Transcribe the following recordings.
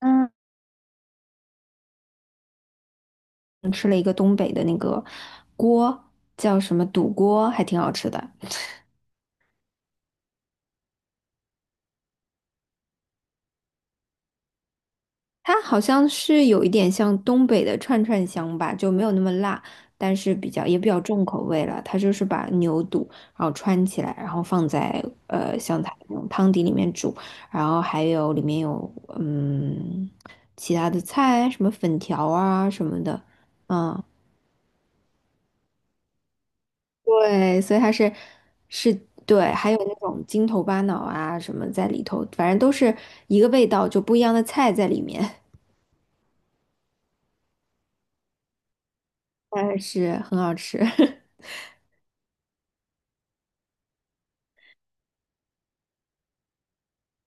嗯，吃了一个东北的那个锅，叫什么肚锅，还挺好吃的。它好像是有一点像东北的串串香吧，就没有那么辣，但是比较也比较重口味了。它就是把牛肚然后穿起来，然后放在像它那种汤底里面煮，然后还有里面有嗯其他的菜，什么粉条啊什么的，嗯。对，所以它是是对，还有那种筋头巴脑啊什么在里头，反正都是一个味道，就不一样的菜在里面，但是很好吃。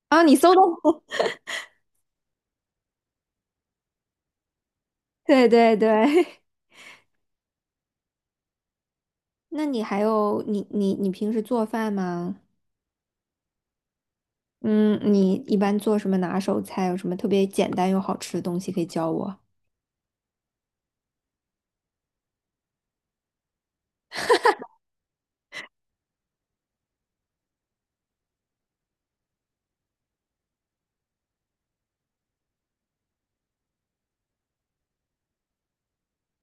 啊，你搜的，对对对。那你还有你平时做饭吗？嗯，你一般做什么拿手菜？有什么特别简单又好吃的东西可以教我？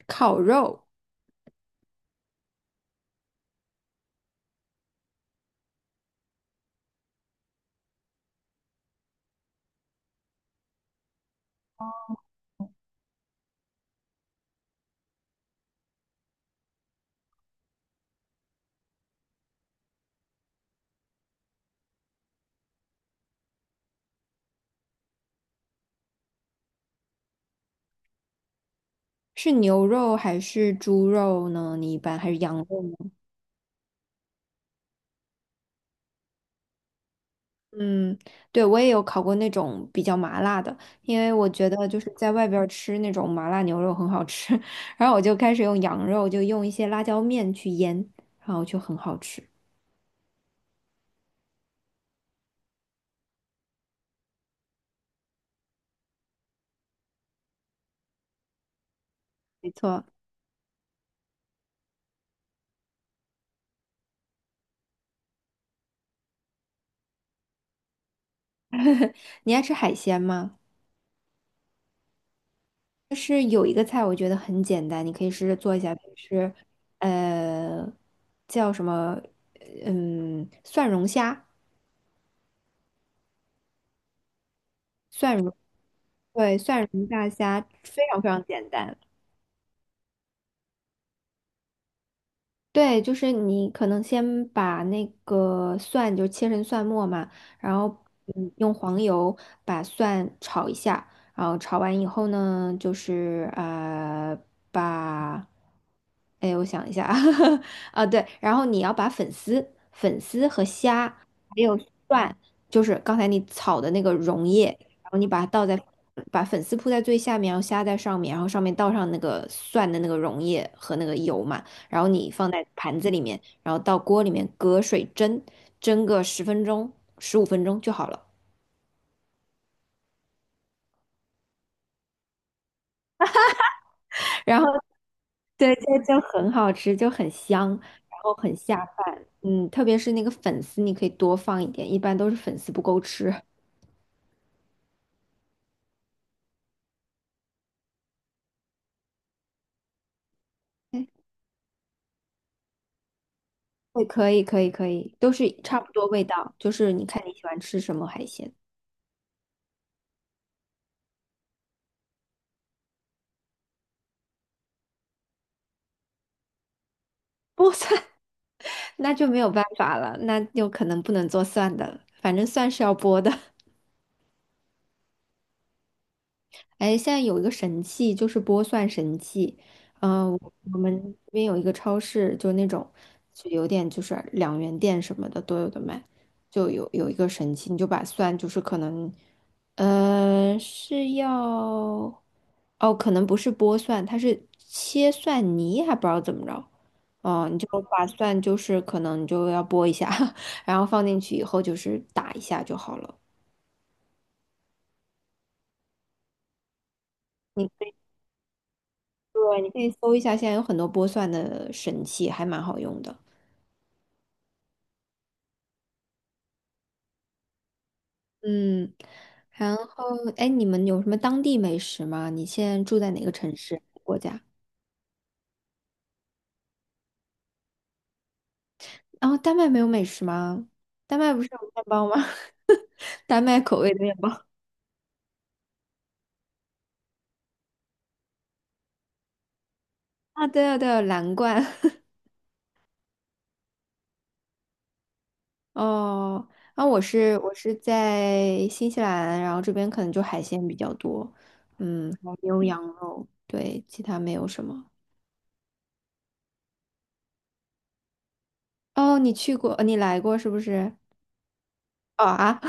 烤肉是牛肉还是猪肉呢？你一般还是羊肉？嗯，对，我也有烤过那种比较麻辣的，因为我觉得就是在外边儿吃那种麻辣牛肉很好吃，然后我就开始用羊肉，就用一些辣椒面去腌，然后就很好吃。没错，你爱吃海鲜吗？就是有一个菜我觉得很简单，你可以试着做一下，就是呃叫什么蒜蓉虾，蒜蓉对蒜蓉大虾非常非常简单。对，就是你可能先把那个蒜就切成蒜末嘛，然后用黄油把蒜炒一下，然后炒完以后呢，就是把，哎我想一下啊，啊对，然后你要把粉丝和虾还有蒜，就是刚才你炒的那个溶液，然后你把它倒在把粉丝铺在最下面，然后虾在上面，然后上面倒上那个蒜的那个溶液和那个油嘛。然后你放在盘子里面，然后到锅里面隔水蒸，蒸个10分钟、15分钟就好了。然后 对，就很好吃，就很香，然后很下饭。嗯，特别是那个粉丝，你可以多放一点，一般都是粉丝不够吃。哎，对，可以，可以，可以，都是差不多味道，就是你看你喜欢吃什么海鲜。剥蒜，那就没有办法了，那就可能不能做蒜的了反正蒜是要剥的。哎，现在有一个神器，就是剥蒜神器。嗯、我们这边有一个超市，就那种就有点就是两元店什么的都有的卖，就有一个神器，你就把蒜就是可能，是要哦，可能不是剥蒜，它是切蒜泥，还不知道怎么着。哦，你就把蒜就是可能你就要剥一下，然后放进去以后就是打一下就好了。你。对，你可以搜一下，现在有很多剥蒜的神器，还蛮好用的。嗯，然后哎，你们有什么当地美食吗？你现在住在哪个城市、国家？然后丹麦没有美食吗？丹麦不是有面包吗？丹麦口味的面包啊，对啊，对啊，蓝罐。哦，然我是在新西兰，然后这边可能就海鲜比较多，嗯，还有牛羊肉，对，其他没有什么。哦，你去过，你来过是不是？哦啊，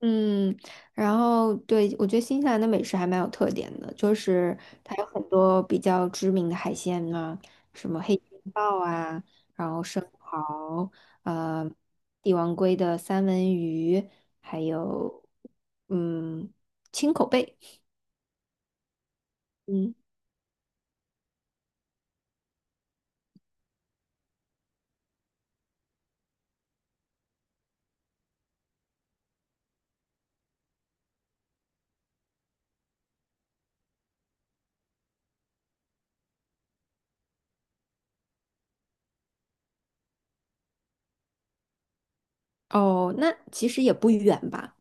嗯，然后对，我觉得新西兰的美食还蛮有特点的，就是它有很多比较知名的海鲜啊，什么黑金鲍啊，然后生蚝，呃，帝王鲑的三文鱼，还有嗯青口贝，嗯，哦，那其实也不远吧？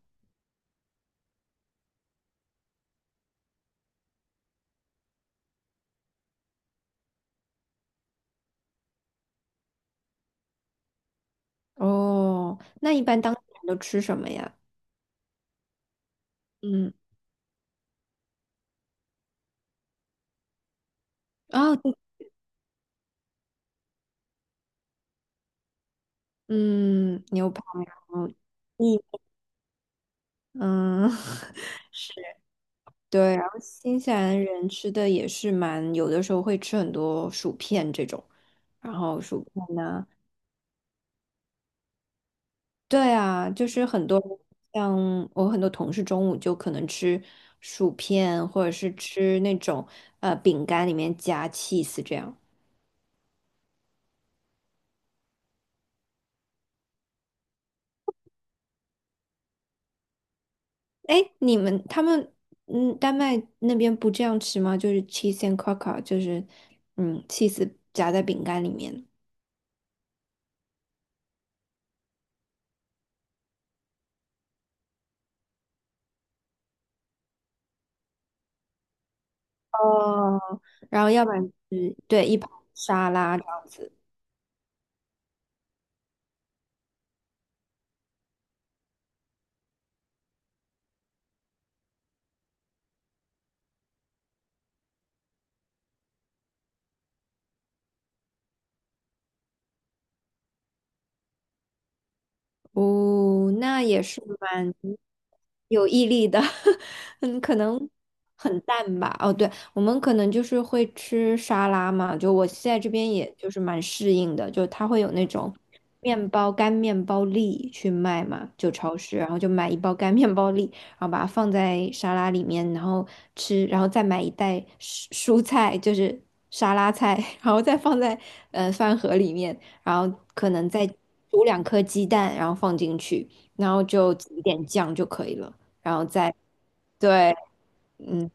哦，那一般当地人都吃什么呀？嗯，啊，对嗯，牛排，然后嗯。嗯，对，然后新西兰人吃的也是蛮，有的时候会吃很多薯片这种，然后薯片呐、对啊，就是很多像我很多同事中午就可能吃薯片，或者是吃那种饼干里面夹 cheese 这样。哎，你们他们丹麦那边不这样吃吗？就是 cheese and c r o c k e r 就是cheese 夹在饼干里面。哦，然后要不然就是对一盘沙拉这样子。哦，那也是蛮有毅力的，嗯，可能很淡吧。哦，对，我们可能就是会吃沙拉嘛，就我现在这边也就是蛮适应的，就它会有那种面包干面包粒去卖嘛，就超市，然后就买一包干面包粒，然后把它放在沙拉里面，然后吃，然后再买一袋蔬菜，就是沙拉菜，然后再放在饭盒里面。然后可能再煮2颗鸡蛋，然后放进去，然后就挤一点酱就可以了，然后再对，嗯，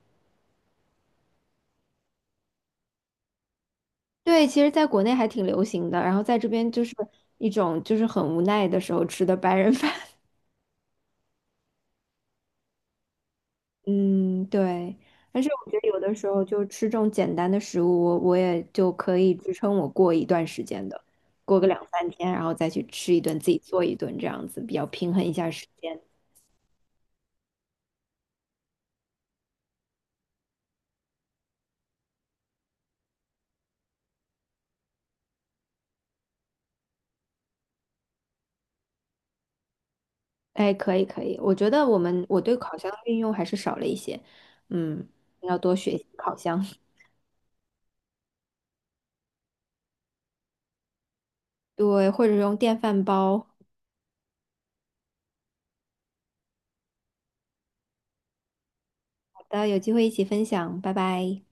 对，其实在国内还挺流行的，然后在这边就是一种就是很无奈的时候吃的白人饭，嗯，对。但是我觉得有的时候就吃这种简单的食物，我也就可以支撑我过一段时间的，过个2、3天，然后再去吃一顿，自己做一顿，这样子比较平衡一下时间。哎，可以可以，我觉得我对烤箱的运用还是少了一些，嗯，要多学习烤箱，对，或者用电饭煲。好的，有机会一起分享，拜拜。